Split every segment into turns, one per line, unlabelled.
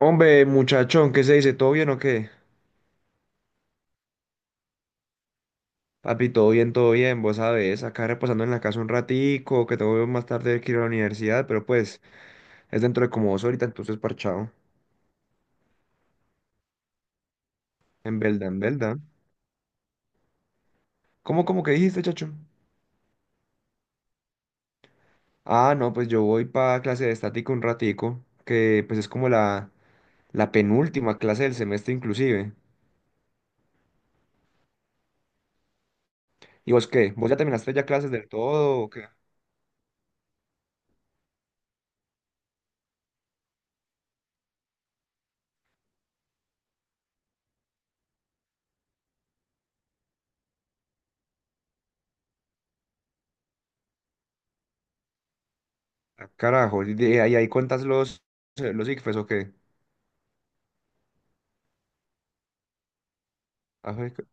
Hombre, muchachón, ¿qué se dice? ¿Todo bien o qué? Papi, todo bien, vos sabes, acá reposando en la casa un ratico, que tengo más tarde que ir a la universidad, pero pues es dentro de como dos ahorita, entonces parchado. En Belda, en Belda. ¿Cómo que dijiste, chacho? Ah, no, pues yo voy para clase de estática un ratico, que pues es como la penúltima clase del semestre inclusive. ¿Y vos qué? ¿Vos ya terminaste ya clases del todo o qué? Ah, carajo, ¿y de ahí cuentas los ICFES o qué? Ah, jue-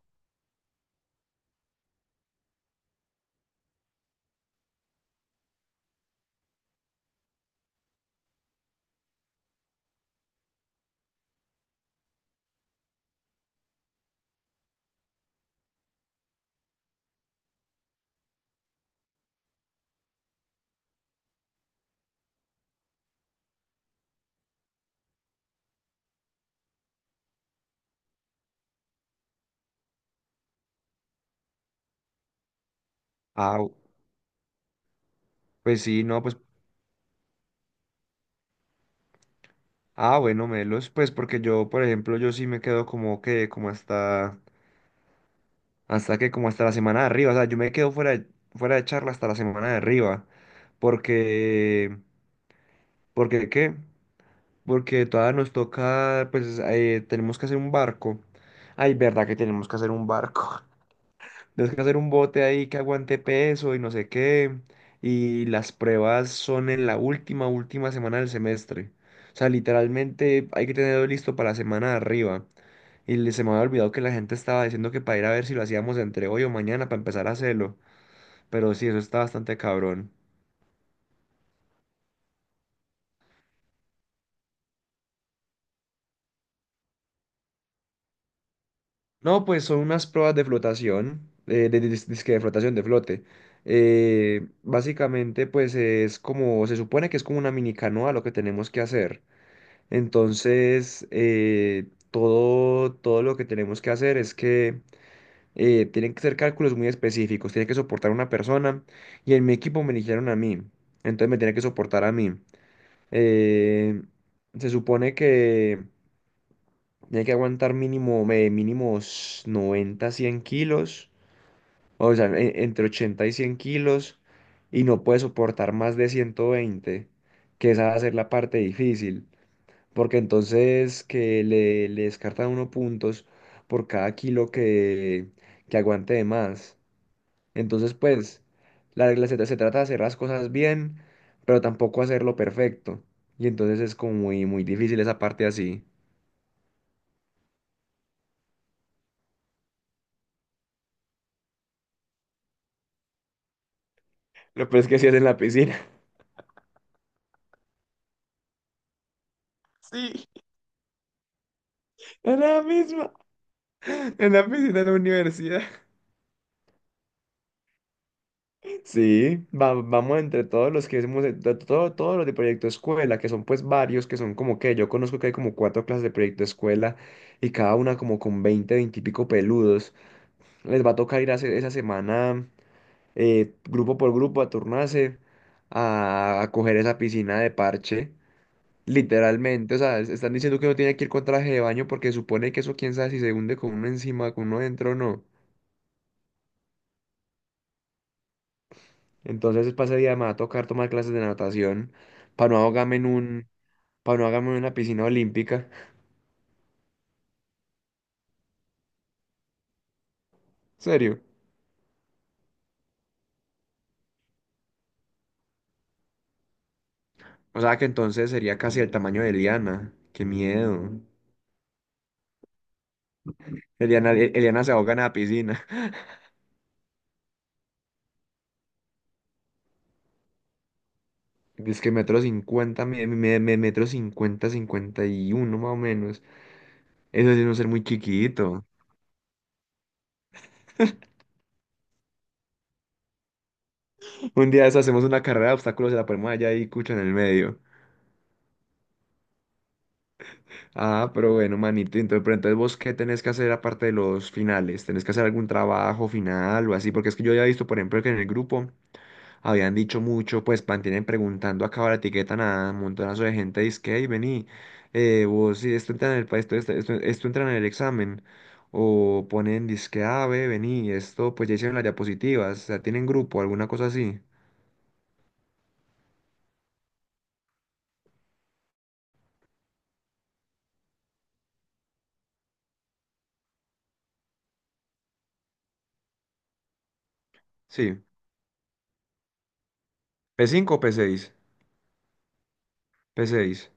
ah, pues sí, no, pues ah, bueno, Melos, pues porque yo, por ejemplo, yo sí me quedo como que, como hasta la semana de arriba, o sea, yo me quedo fuera de charla hasta la semana de arriba, porque, ¿qué? Porque todavía nos toca, pues, tenemos que hacer un barco. Ay, verdad que tenemos que hacer un barco. Tenemos que hacer un bote ahí que aguante peso y no sé qué, y las pruebas son en la última, última semana del semestre. O sea, literalmente hay que tenerlo listo para la semana de arriba. Se me había olvidado que la gente estaba diciendo que para ir a ver si lo hacíamos entre hoy o mañana para empezar a hacerlo. Pero sí, eso está bastante cabrón. No, pues son unas pruebas de flotación, dizque de flotación, de flote. Básicamente, pues es como, se supone que es como una mini canoa lo que tenemos que hacer. Entonces, todo lo que tenemos que hacer es que tienen que ser cálculos muy específicos, tiene que soportar una persona y en mi equipo me eligieron a mí, entonces me tiene que soportar a mí. Eh, Se supone que tiene que aguantar mínimos 90, 100 kilos, o sea, entre 80 y 100 kilos, y no puede soportar más de 120, que esa va a ser la parte difícil, porque entonces que le descartan uno puntos por cada kilo que aguante de más. Entonces, pues, la regla se trata de hacer las cosas bien, pero tampoco hacerlo perfecto. Y entonces es como muy, muy difícil esa parte así. Lo peor es que sí es en la piscina. Sí, es la misma. En la piscina de la universidad. Sí, vamos entre todos los que hemos, de- todo, todos los de proyecto escuela, que son pues varios, que son como que yo conozco que hay como cuatro clases de proyecto escuela y cada una como con 20 20 y pico peludos. Les va a tocar ir a hacer esa semana. Grupo por grupo, a turnarse, a coger esa piscina de parche. Literalmente, o sea, están diciendo que no tiene que ir con traje de baño porque supone que eso quién sabe si se hunde con uno encima, con uno dentro o no. Entonces, para ese día me va a tocar tomar clases de natación para no ahogarme en un, para no ahogarme en una piscina olímpica. ¿Serio? O sea, que entonces sería casi el tamaño de Eliana. ¡Qué miedo! Eliana se ahoga en la piscina. Es que metro cincuenta, metro cincuenta, cincuenta y uno más o menos. Eso sí es un ser muy chiquito. Un día de eso hacemos una carrera de obstáculos y la ponemos allá y cucho en el medio. Ah, pero bueno, manito, entonces, pero entonces ¿vos qué tenés que hacer aparte de los finales? ¿Tenés que hacer algún trabajo final o así? Porque es que yo había visto, por ejemplo, que en el grupo habían dicho mucho, pues mantienen preguntando acá la etiqueta a un montonazo de gente, dice que, "Ey, vení, vos si esto entra en el, esto, esto, esto, esto entra en el examen." O ponen disque, ah, ve, vení, esto, pues ya hicieron las diapositivas, o sea, tienen grupo, alguna cosa así. Sí. P5 o P6. P6.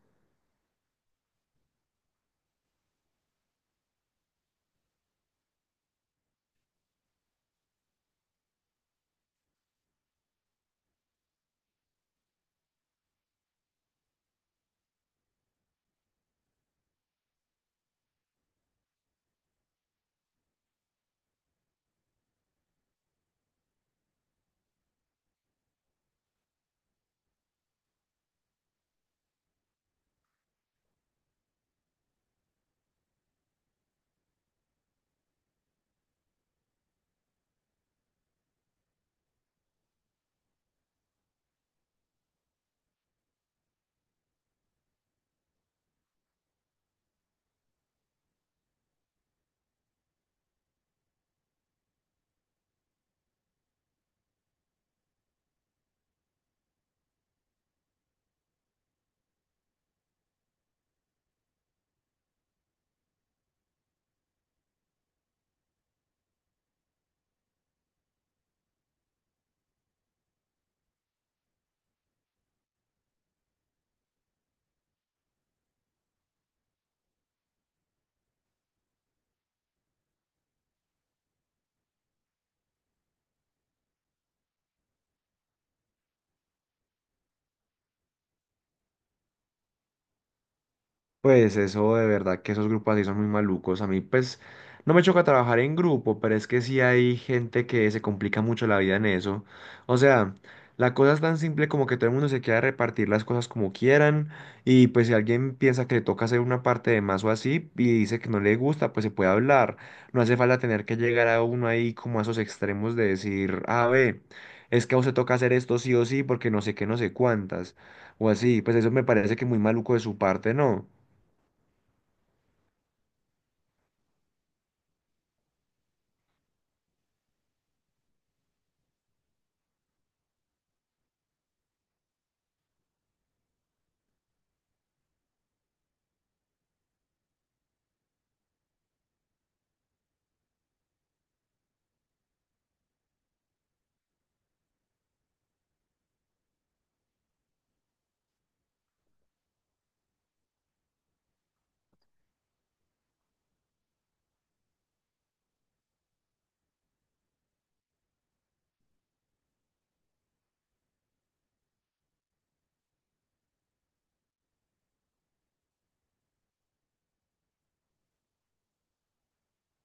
Pues eso de verdad que esos grupos así son muy malucos. A mí pues no me choca trabajar en grupo, pero es que sí hay gente que se complica mucho la vida en eso. O sea, la cosa es tan simple como que todo el mundo se quiera repartir las cosas como quieran y pues si alguien piensa que le toca hacer una parte de más o así y dice que no le gusta, pues se puede hablar. No hace falta tener que llegar a uno ahí como a esos extremos de decir, a ver, es que a usted toca hacer esto sí o sí porque no sé qué, no sé cuántas o así. Pues eso me parece que muy maluco de su parte, ¿no?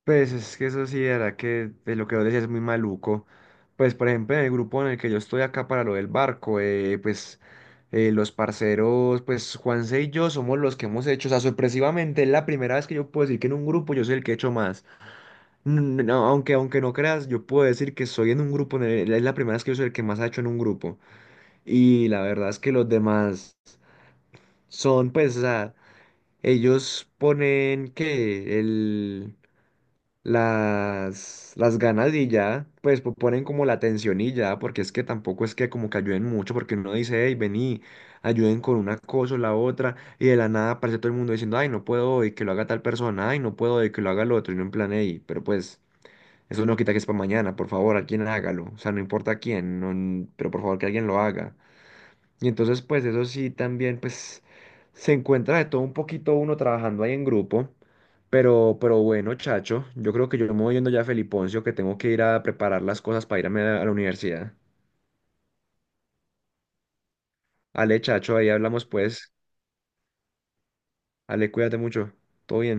Pues es que eso sí, de verdad que de lo que vos decías es muy maluco. Pues por ejemplo, en el grupo en el que yo estoy acá para lo del barco, los parceros, pues Juanse y yo somos los que hemos hecho, o sea, sorpresivamente es la primera vez que yo puedo decir que en un grupo yo soy el que he hecho más. No, aunque no creas, yo puedo decir que soy en un grupo, en es la primera vez que yo soy el que más ha hecho en un grupo. Y la verdad es que los demás son, pues, o sea, ellos ponen que las ganas y ya, pues ponen como la atención y ya, porque es que tampoco es que como que ayuden mucho, porque uno dice, hey, vení, ayuden con una cosa o la otra, y de la nada aparece todo el mundo diciendo, ay, no puedo hoy, que lo haga tal persona, ay, no puedo hoy, que lo haga el otro, y no en plan, hey, pero pues, eso no quita que es para mañana, por favor, alguien hágalo, o sea, no importa quién, pero por favor que alguien lo haga. Y entonces, pues eso sí, también, pues se encuentra de todo un poquito uno trabajando ahí en grupo. Pero bueno, Chacho, yo creo que yo me voy yendo ya a Feliponcio, que tengo que ir a preparar las cosas para irme a la universidad. Ale, Chacho, ahí hablamos pues. Ale, cuídate mucho. Todo bien.